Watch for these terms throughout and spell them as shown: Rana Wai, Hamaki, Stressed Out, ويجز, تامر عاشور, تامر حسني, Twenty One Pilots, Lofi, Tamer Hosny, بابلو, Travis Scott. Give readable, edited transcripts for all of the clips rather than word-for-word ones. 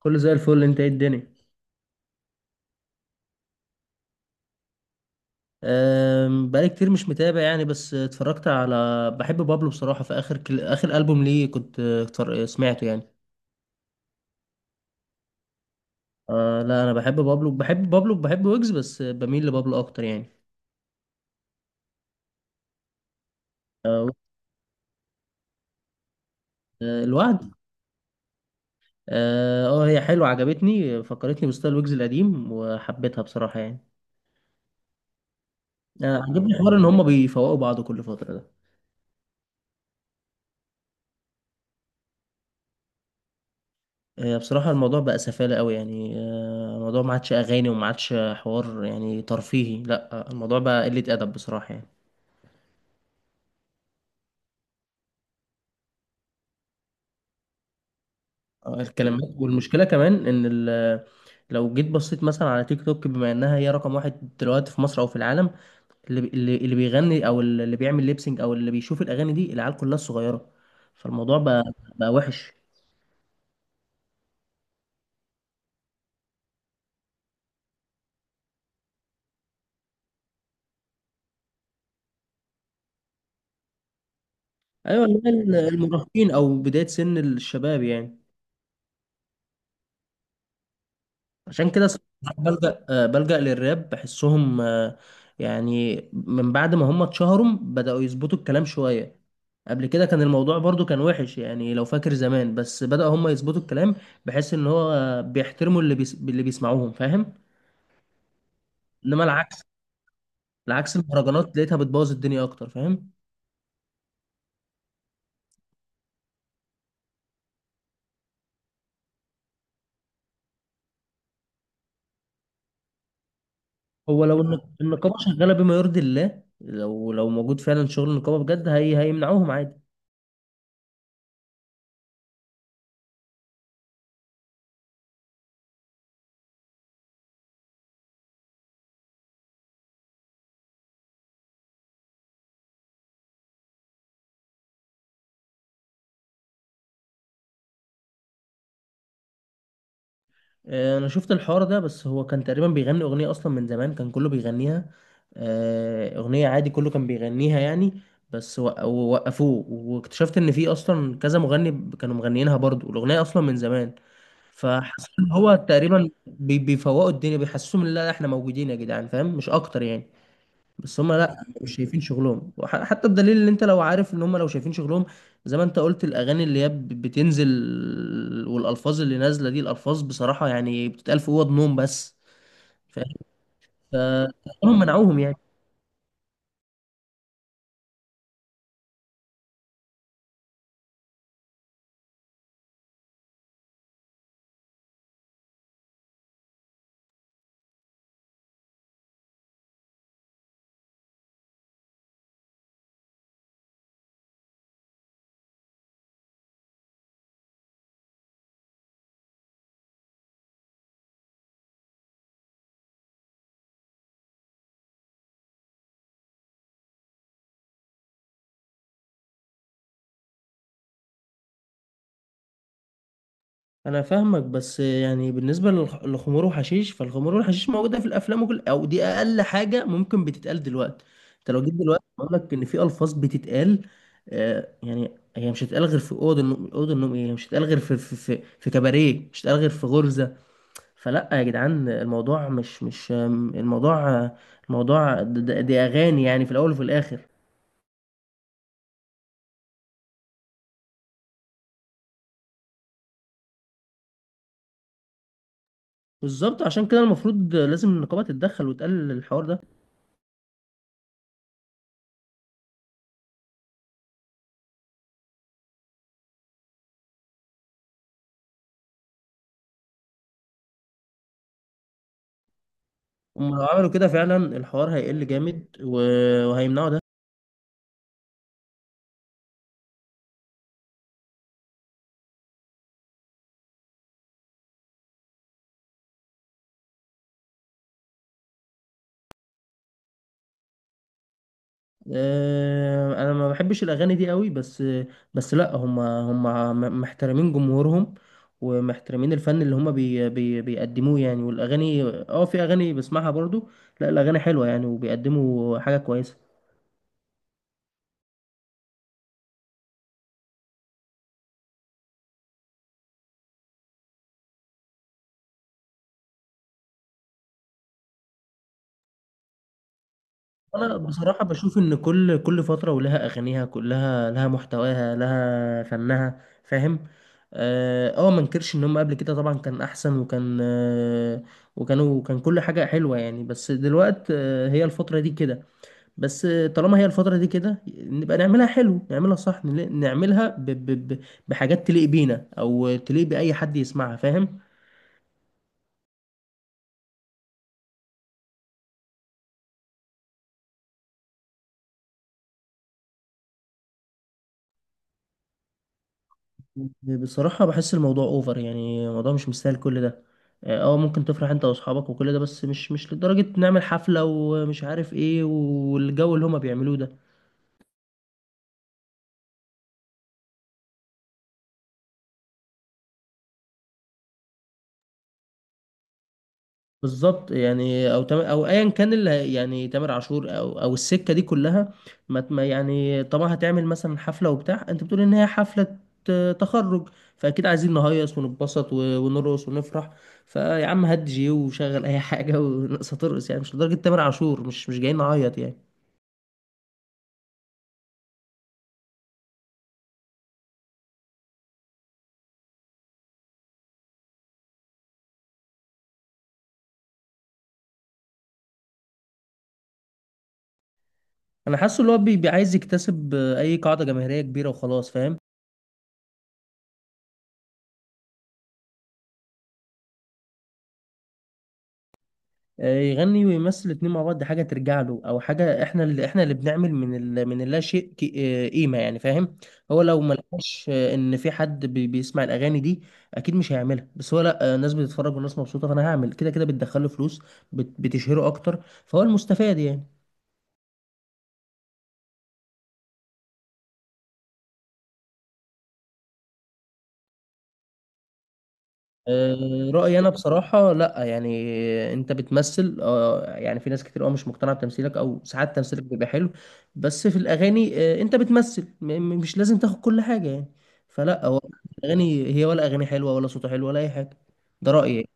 كله زي الفل، انت ايه الدنيا؟ بقالي كتير مش متابع يعني، بس اتفرجت على بحب بابلو بصراحة. في اخر ألبوم ليه كنت سمعته يعني. لا انا بحب بابلو، بحب بابلو، بحب ويجز بس بميل لبابلو اكتر يعني. أه، الوعد. اه هي حلوة عجبتني، فكرتني بستايل ويجز القديم وحبيتها بصراحة يعني. أه، عجبني حوار ان هما بيفوقوا بعض كل فترة ده. هي بصراحة الموضوع بقى سفالة قوي يعني الموضوع ما عادش أغاني وما عادش حوار يعني ترفيهي، لا الموضوع بقى قلة أدب بصراحة يعني. الكلمات، والمشكلة كمان إن لو جيت بصيت مثلا على تيك توك، بما إنها هي رقم واحد دلوقتي في مصر أو في العالم، اللي بيغني أو اللي بيعمل ليبسينج أو اللي بيشوف الأغاني دي العيال كلها الصغيرة. فالموضوع بقى وحش. أيوة، هي المراهقين أو بداية سن الشباب يعني. عشان كده صراحة بلجأ للراب، بحسهم يعني من بعد ما هم اتشهروا بدأوا يظبطوا الكلام شوية. قبل كده كان الموضوع برضو كان وحش يعني، لو فاكر زمان، بس بدأوا هم يظبطوا الكلام بحيث ان هو بيحترموا اللي بيسمعوهم فاهم. انما العكس، العكس المهرجانات لقيتها بتبوظ الدنيا اكتر فاهم. هو لو النقابة شغالة بما يرضي الله، لو لو موجود فعلا شغل النقابة بجد هيمنعوهم عادي. انا شفت الحوار ده، بس هو كان تقريبا بيغني اغنيه اصلا من زمان كان كله بيغنيها. اغنيه عادي كله كان بيغنيها يعني، بس وق- ووقفوه واكتشفت ان في اصلا كذا مغني كانوا مغنيينها برضو، الاغنيه اصلا من زمان. فحسيت ان هو تقريبا بيفوقوا الدنيا، بيحسسهم ان لا احنا موجودين يا جدعان فاهم، مش اكتر يعني. بس هم لا مش شايفين شغلهم حتى بدليل ان انت لو عارف ان هم لو شايفين شغلهم زي ما انت قلت الاغاني اللي هي بتنزل، والالفاظ اللي نازله دي، الالفاظ بصراحه يعني بتتقال في اوض نوم بس، فاهم. ف- فهم منعوهم يعني. انا فاهمك، بس يعني بالنسبه للخمور والحشيش، فالخمور والحشيش موجوده في الافلام وكل، او دي اقل حاجه ممكن بتتقال دلوقتي. انت لو جيت دلوقتي بقول لك ان في الفاظ بتتقال، آه يعني، هي مش هتتقال غير في اوضه النوم، اوضه النوم ايه، هي مش هتتقال غير في في كباريه، مش هتتقال غير في غرزه. فلا يا جدعان، الموضوع مش مش آم، الموضوع، الموضوع دي اغاني يعني في الاول وفي الاخر. بالظبط، عشان كده المفروض لازم النقابه تتدخل وتقلل الحوار ده. هم لو عملوا كده فعلا الحوار هيقل جامد وهيمنعوا ده. انا ما بحبش الاغاني دي قوي، بس بس لا هم هم محترمين جمهورهم ومحترمين الفن اللي هم بي بي بيقدموه يعني، والاغاني اه في اغاني بسمعها برضو. لا الاغاني حلوة يعني وبيقدموا حاجة كويسة. انا بصراحه بشوف ان كل فتره ولها اغانيها، كلها لها محتواها لها فنها فاهم. اه ما انكرش ان هم قبل كده طبعا كان احسن، وكان آه وكانوا كان كل حاجه حلوه يعني، بس دلوقتي آه هي الفتره دي كده. بس طالما هي الفتره دي كده نبقى نعملها حلو، نعملها صح، نعملها ب ب ب بحاجات تليق بينا او تليق باي حد يسمعها فاهم. بصراحة بحس الموضوع اوفر يعني، الموضوع مش مستاهل كل ده. اه ممكن تفرح انت واصحابك وكل ده، بس مش مش لدرجة نعمل حفلة ومش عارف ايه والجو اللي هما بيعملوه ده. بالظبط يعني، او تم او ايا كان يعني تامر عاشور او او السكة دي كلها. ما ت- ما يعني طبعا هتعمل مثلا حفلة وبتاع، انت بتقول ان هي حفلة تخرج، فاكيد عايزين نهيص ونتبسط ونرقص ونفرح. فيا عم هات جي وشغل اي حاجة ونقص ترقص يعني، مش لدرجة تامر عاشور، مش مش جايين نعيط يعني. انا حاسه اللي هو عايز يكتسب اي قاعده جماهيريه كبيره وخلاص فاهم. يغني ويمثل الاتنين مع بعض، دي حاجه ترجع له او حاجه احنا اللي بنعمل من من اللا شيء قيمه يعني فاهم. هو لو ما لقاش ان في حد بيسمع الاغاني دي اكيد مش هيعملها، بس هو لا الناس بتتفرج والناس مبسوطه، فانا هعمل كده كده، بتدخله فلوس، بتشهره اكتر فهو المستفاد يعني. رأيي أنا بصراحة لأ يعني. أنت بتمثل يعني في ناس كتير أوي مش مقتنعة بتمثيلك، أو ساعات تمثيلك بيبقى حلو، بس في الأغاني أنت بتمثل مش لازم تاخد كل حاجة يعني. فلأ هو الأغاني هي، ولا أغاني حلوة ولا صوته حلو ولا أي حاجة. ده رأيي.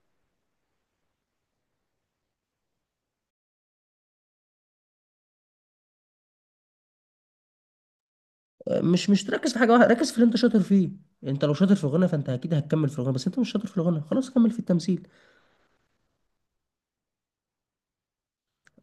مش مش تركز في حاجة واحدة، ركز في اللي أنت شاطر فيه. أنت لو شاطر في الغنى فأنت أكيد هتكمل في الغنى، بس أنت مش شاطر في الغنى خلاص كمل في التمثيل.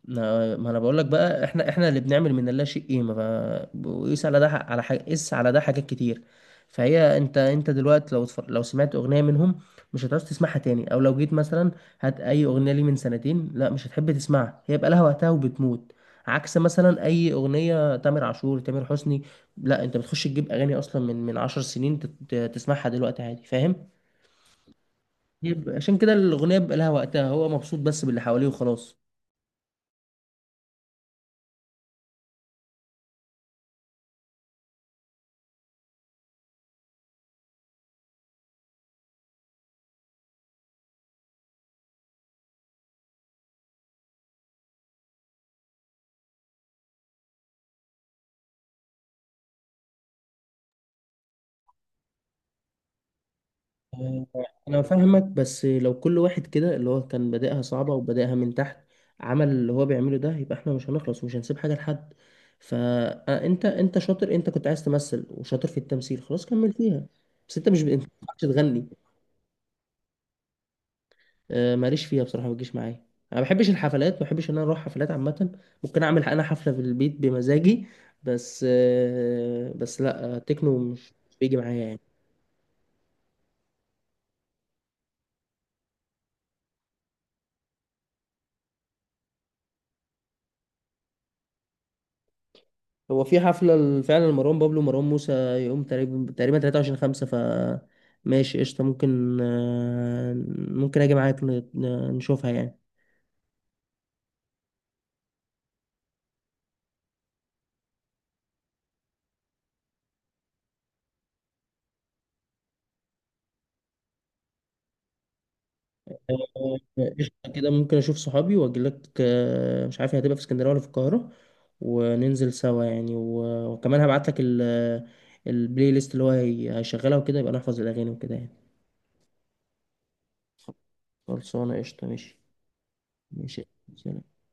ما ما انا بقول لك بقى، احنا اللي بنعمل من اللا شيء قيمه، وقيس على ده على حاجه، قيس على ده حاجات كتير. فهي انت، انت دلوقتي لو لو سمعت اغنيه منهم مش هتعوز تسمعها تاني، او لو جيت مثلا هات اي اغنيه لي من سنتين لا مش هتحب تسمعها، هي بقى لها وقتها وبتموت. عكس مثلا اي اغنيه تامر عاشور، تامر حسني، لا انت بتخش تجيب اغاني اصلا من من 10 سنين تسمعها دلوقتي عادي فاهم. يبقى عشان كده الاغنيه بقى لها وقتها، هو مبسوط بس باللي حواليه وخلاص. آه، انا فاهمك، بس لو كل واحد كده اللي هو كان بادئها صعبة وبادئها من تحت عمل اللي هو بيعمله ده يبقى احنا مش هنخلص ومش هنسيب حاجة لحد. فانت، انت شاطر، انت كنت عايز تمثل وشاطر في التمثيل خلاص كمل فيها، بس انت مش انت ما بتعرفش تغني. ماليش فيها بصراحة، ما بتجيش معايا. انا ما بحبش الحفلات، ما بحبش ان انا اروح حفلات عامة، ممكن اعمل انا حفلة في البيت بمزاجي. بس بس لا تكنو مش مش بيجي معايا يعني. هو في حفلة فعلا لمروان بابلو ومروان موسى، يوم تقريبا تقريبا 23/5 ف ماشي قشطة، ممكن ممكن أجي معاك نشوفها يعني. آه، قشطة كده، ممكن أشوف صحابي وأجيلك، مش عارف هي هتبقى في اسكندرية ولا في القاهرة، وننزل سوا يعني، وكمان هبعتلك البلاي ليست اللي هو هيشغلها، وكده يبقى نحفظ الأغاني وكده يعني. خلصانة قشطة ماشي. ماشي. سلام.